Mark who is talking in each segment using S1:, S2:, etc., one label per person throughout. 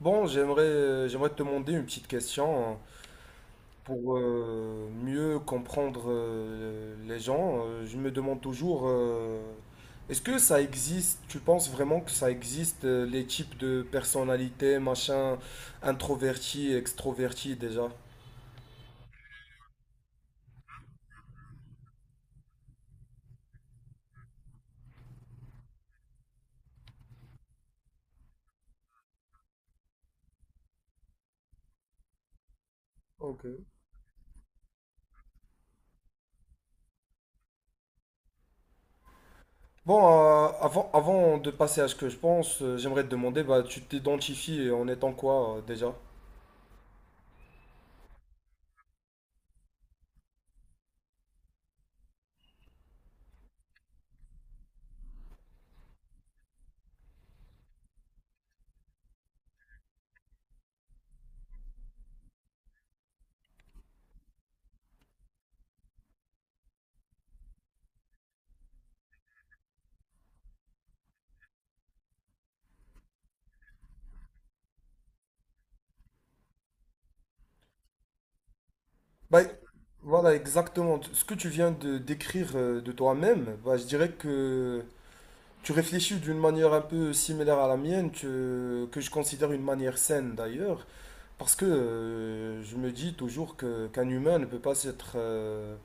S1: Bon, j'aimerais j'aimerais te demander une petite question hein, pour mieux comprendre les gens. Je me demande toujours, est-ce que ça existe, tu penses vraiment que ça existe, les types de personnalités, machin, introverti, extroverti déjà? Ok. Bon, avant de passer à ce que je pense, j'aimerais te demander, bah, tu t'identifies en étant quoi déjà? Bah, voilà, exactement. Ce que tu viens de décrire de toi-même, bah, je dirais que tu réfléchis d'une manière un peu similaire à la mienne, que je considère une manière saine d'ailleurs, parce que je me dis toujours que qu'un humain ne peut pas s'être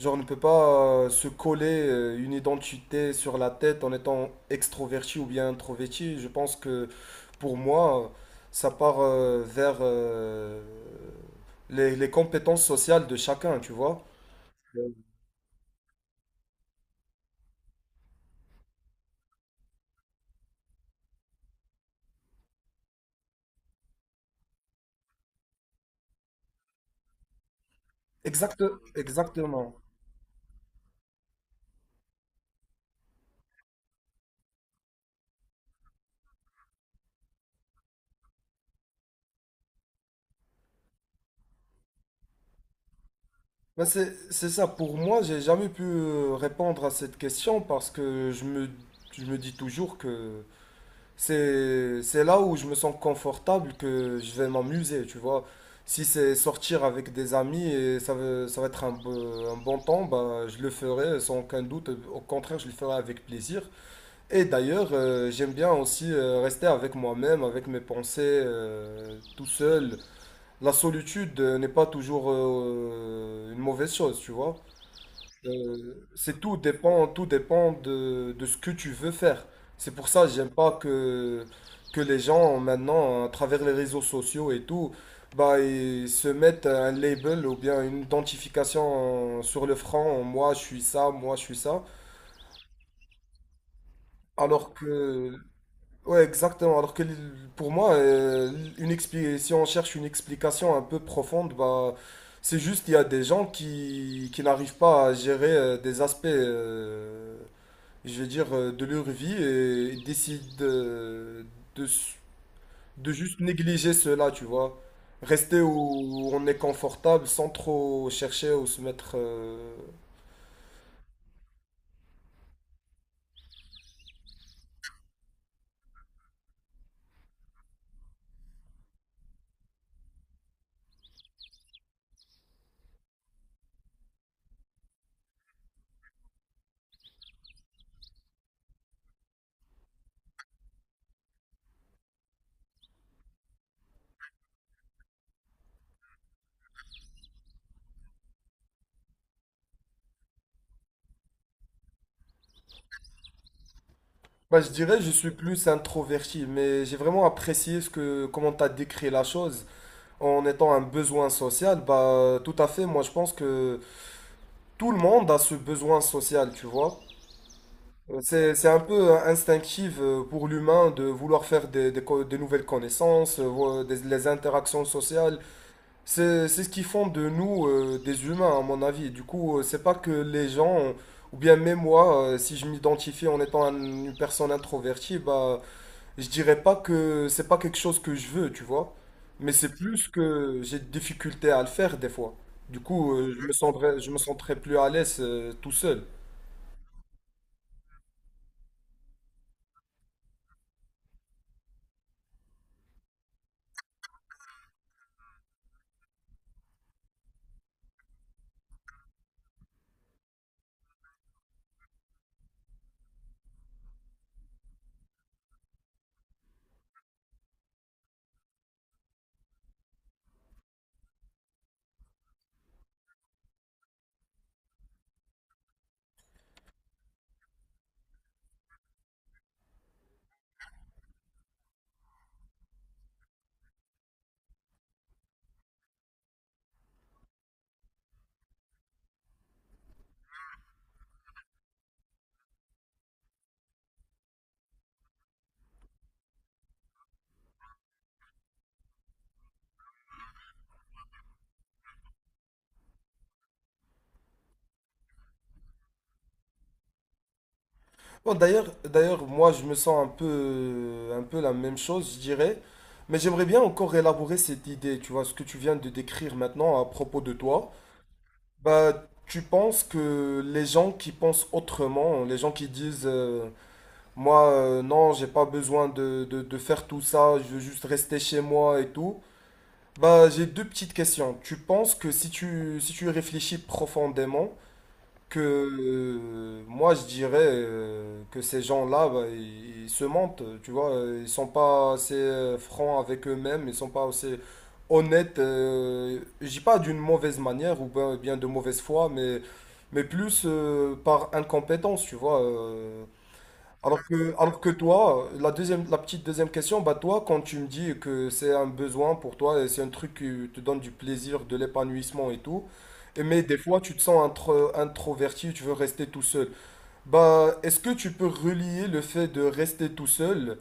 S1: genre, on ne peut pas se coller une identité sur la tête en étant extroverti ou bien introverti. Je pense que pour moi, ça part vers les compétences sociales de chacun, tu vois. Euh, Exact, exactement. Ben, c'est ça, pour moi, j'ai jamais pu répondre à cette question parce que je me dis toujours que c'est là où je me sens confortable que je vais m'amuser, tu vois. Si c'est sortir avec des amis et ça, ça va être un bon temps, bah, je le ferai sans aucun doute. Au contraire, je le ferai avec plaisir. Et d'ailleurs, j'aime bien aussi rester avec moi-même, avec mes pensées, tout seul. La solitude n'est pas toujours une mauvaise chose, tu vois. Tout dépend de ce que tu veux faire. C'est pour ça que j'aime pas que, que les gens maintenant, à travers les réseaux sociaux et tout, bah, ils se mettent un label ou bien une identification sur le front. Moi, je suis ça, moi, je suis ça. Alors que, ouais, exactement. Pour moi, si on cherche une explication un peu profonde, bah, c'est juste qu'il y a des gens qui n'arrivent pas à gérer des aspects. Je vais dire, de leur vie et ils décident de, s- de juste négliger cela, tu vois. Rester où où on est confortable sans trop chercher ou se mettre... Bah, je dirais, je suis plus introverti, mais j'ai vraiment apprécié comment tu as décrit la chose. En étant un besoin social, bah, tout à fait, moi je pense que tout le monde a ce besoin social, tu vois. C'est un peu instinctif pour l'humain de vouloir faire des nouvelles connaissances, les interactions sociales. C'est ce qui font de nous des humains, à mon avis. Du coup, c'est pas que les gens, ou bien même moi, si je m'identifie en étant une personne introvertie, bah, je dirais pas que c'est pas quelque chose que je veux, tu vois. Mais c'est plus que j'ai des difficultés à le faire des fois. Du coup, je me sentirais plus à l'aise tout seul. Bon, d'ailleurs, moi, je me sens un peu la même chose, je dirais. Mais j'aimerais bien encore élaborer cette idée, tu vois, ce que tu viens de décrire maintenant à propos de toi. Bah, tu penses que les gens qui pensent autrement, les gens qui disent, moi, non, j'ai pas besoin de faire tout ça, je veux juste rester chez moi et tout. Bah, j'ai deux petites questions. Tu penses que si tu y réfléchis profondément, que moi je dirais que ces gens-là bah, ils se mentent tu vois ils sont pas assez francs avec eux-mêmes ils sont pas assez honnêtes je dis pas d'une mauvaise manière ou bien de mauvaise foi mais plus par incompétence tu vois alors que, alors que toi, la petite deuxième question, bah toi, quand tu me dis que c'est un besoin pour toi et c'est un truc qui te donne du plaisir, de l'épanouissement et tout, et mais des fois tu te sens introverti, tu veux rester tout seul. Bah, est-ce que tu peux relier le fait de rester tout seul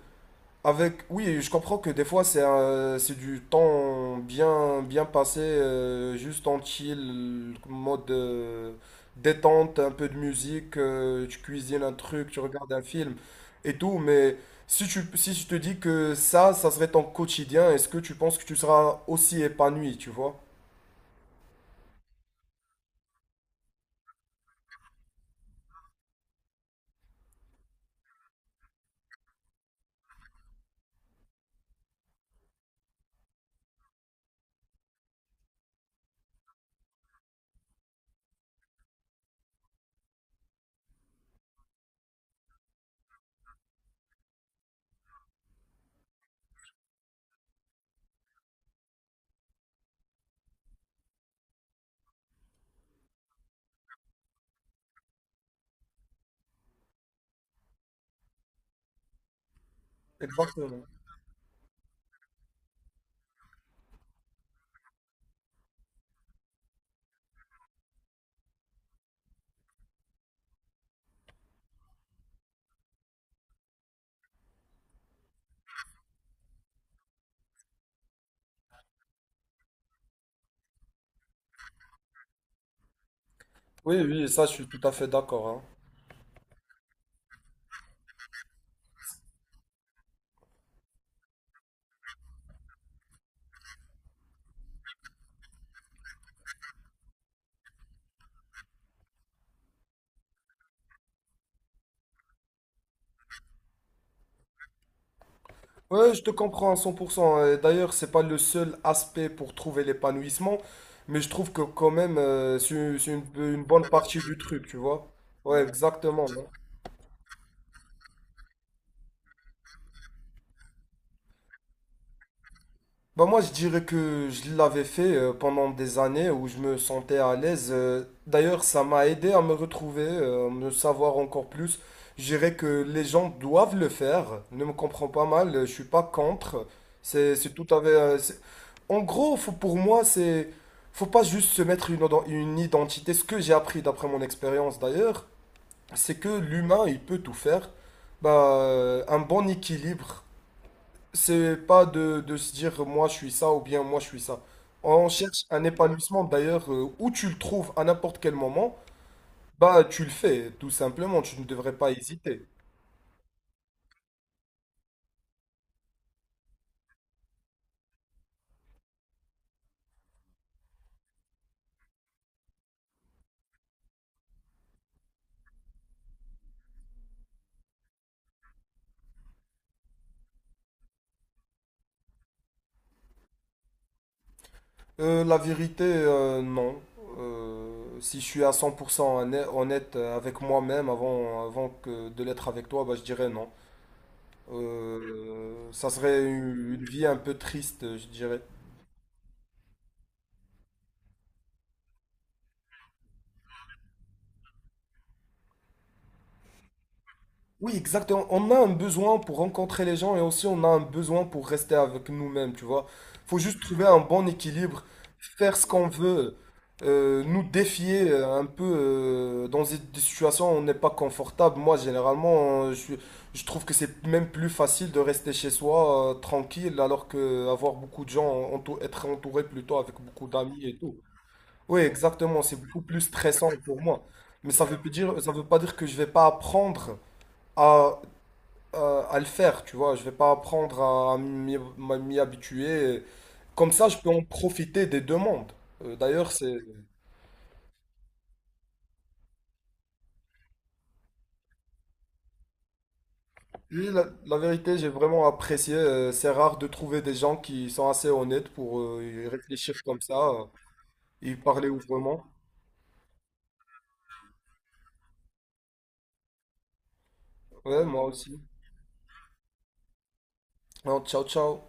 S1: avec, oui, je comprends que des fois c'est du temps bien bien passé, juste en chill, mode détente, un peu de musique, tu cuisines un truc, tu regardes un film et tout. Mais si tu si je te dis que ça serait ton quotidien, est-ce que tu penses que tu seras aussi épanoui, tu vois? Exactement. Oui, oui, ça je suis tout à fait d'accord, hein. Ouais, je te comprends à 100%. D'ailleurs, c'est pas le seul aspect pour trouver l'épanouissement, mais je trouve que quand même, c'est une bonne partie du truc, tu vois. Ouais, exactement. Hein. Bah moi, je dirais que je l'avais fait pendant des années où je me sentais à l'aise. D'ailleurs, ça m'a aidé à me retrouver, à me savoir encore plus. Je dirais que les gens doivent le faire. Ne me comprends pas mal, je suis pas contre. C'est tout à fait... En gros, pour moi, c'est... Faut pas juste se mettre une identité. Ce que j'ai appris d'après mon expérience d'ailleurs, c'est que l'humain, il peut tout faire. Bah, un bon équilibre. C'est pas de se dire moi je suis ça ou bien moi je suis ça. On cherche un épanouissement d'ailleurs où tu le trouves à n'importe quel moment, bah tu le fais tout simplement, tu ne devrais pas hésiter. La vérité, non. Si je suis à 100% honnête avec moi-même avant que de l'être avec toi, bah je dirais non. Ça serait une vie un peu triste, je dirais. Oui, exactement. On a un besoin pour rencontrer les gens et aussi on a un besoin pour rester avec nous-mêmes, tu vois. Faut juste trouver un bon équilibre, faire ce qu'on veut, nous défier un peu dans des situations où on n'est pas confortable. Moi, généralement, je trouve que c'est même plus facile de rester chez soi, tranquille, alors que avoir beaucoup de gens, être entouré plutôt avec beaucoup d'amis et tout. Oui, exactement. C'est beaucoup plus stressant pour moi. Mais ça veut pas dire que je vais pas apprendre à à le faire, tu vois. Je vais pas apprendre à m'y m'y habituer. Comme ça, je peux en profiter des deux mondes. D'ailleurs, c'est oui, la vérité, j'ai vraiment apprécié. C'est rare de trouver des gens qui sont assez honnêtes pour y réfléchir comme ça et y parler ouvertement. Ouais, moi aussi. Alors, ciao, ciao.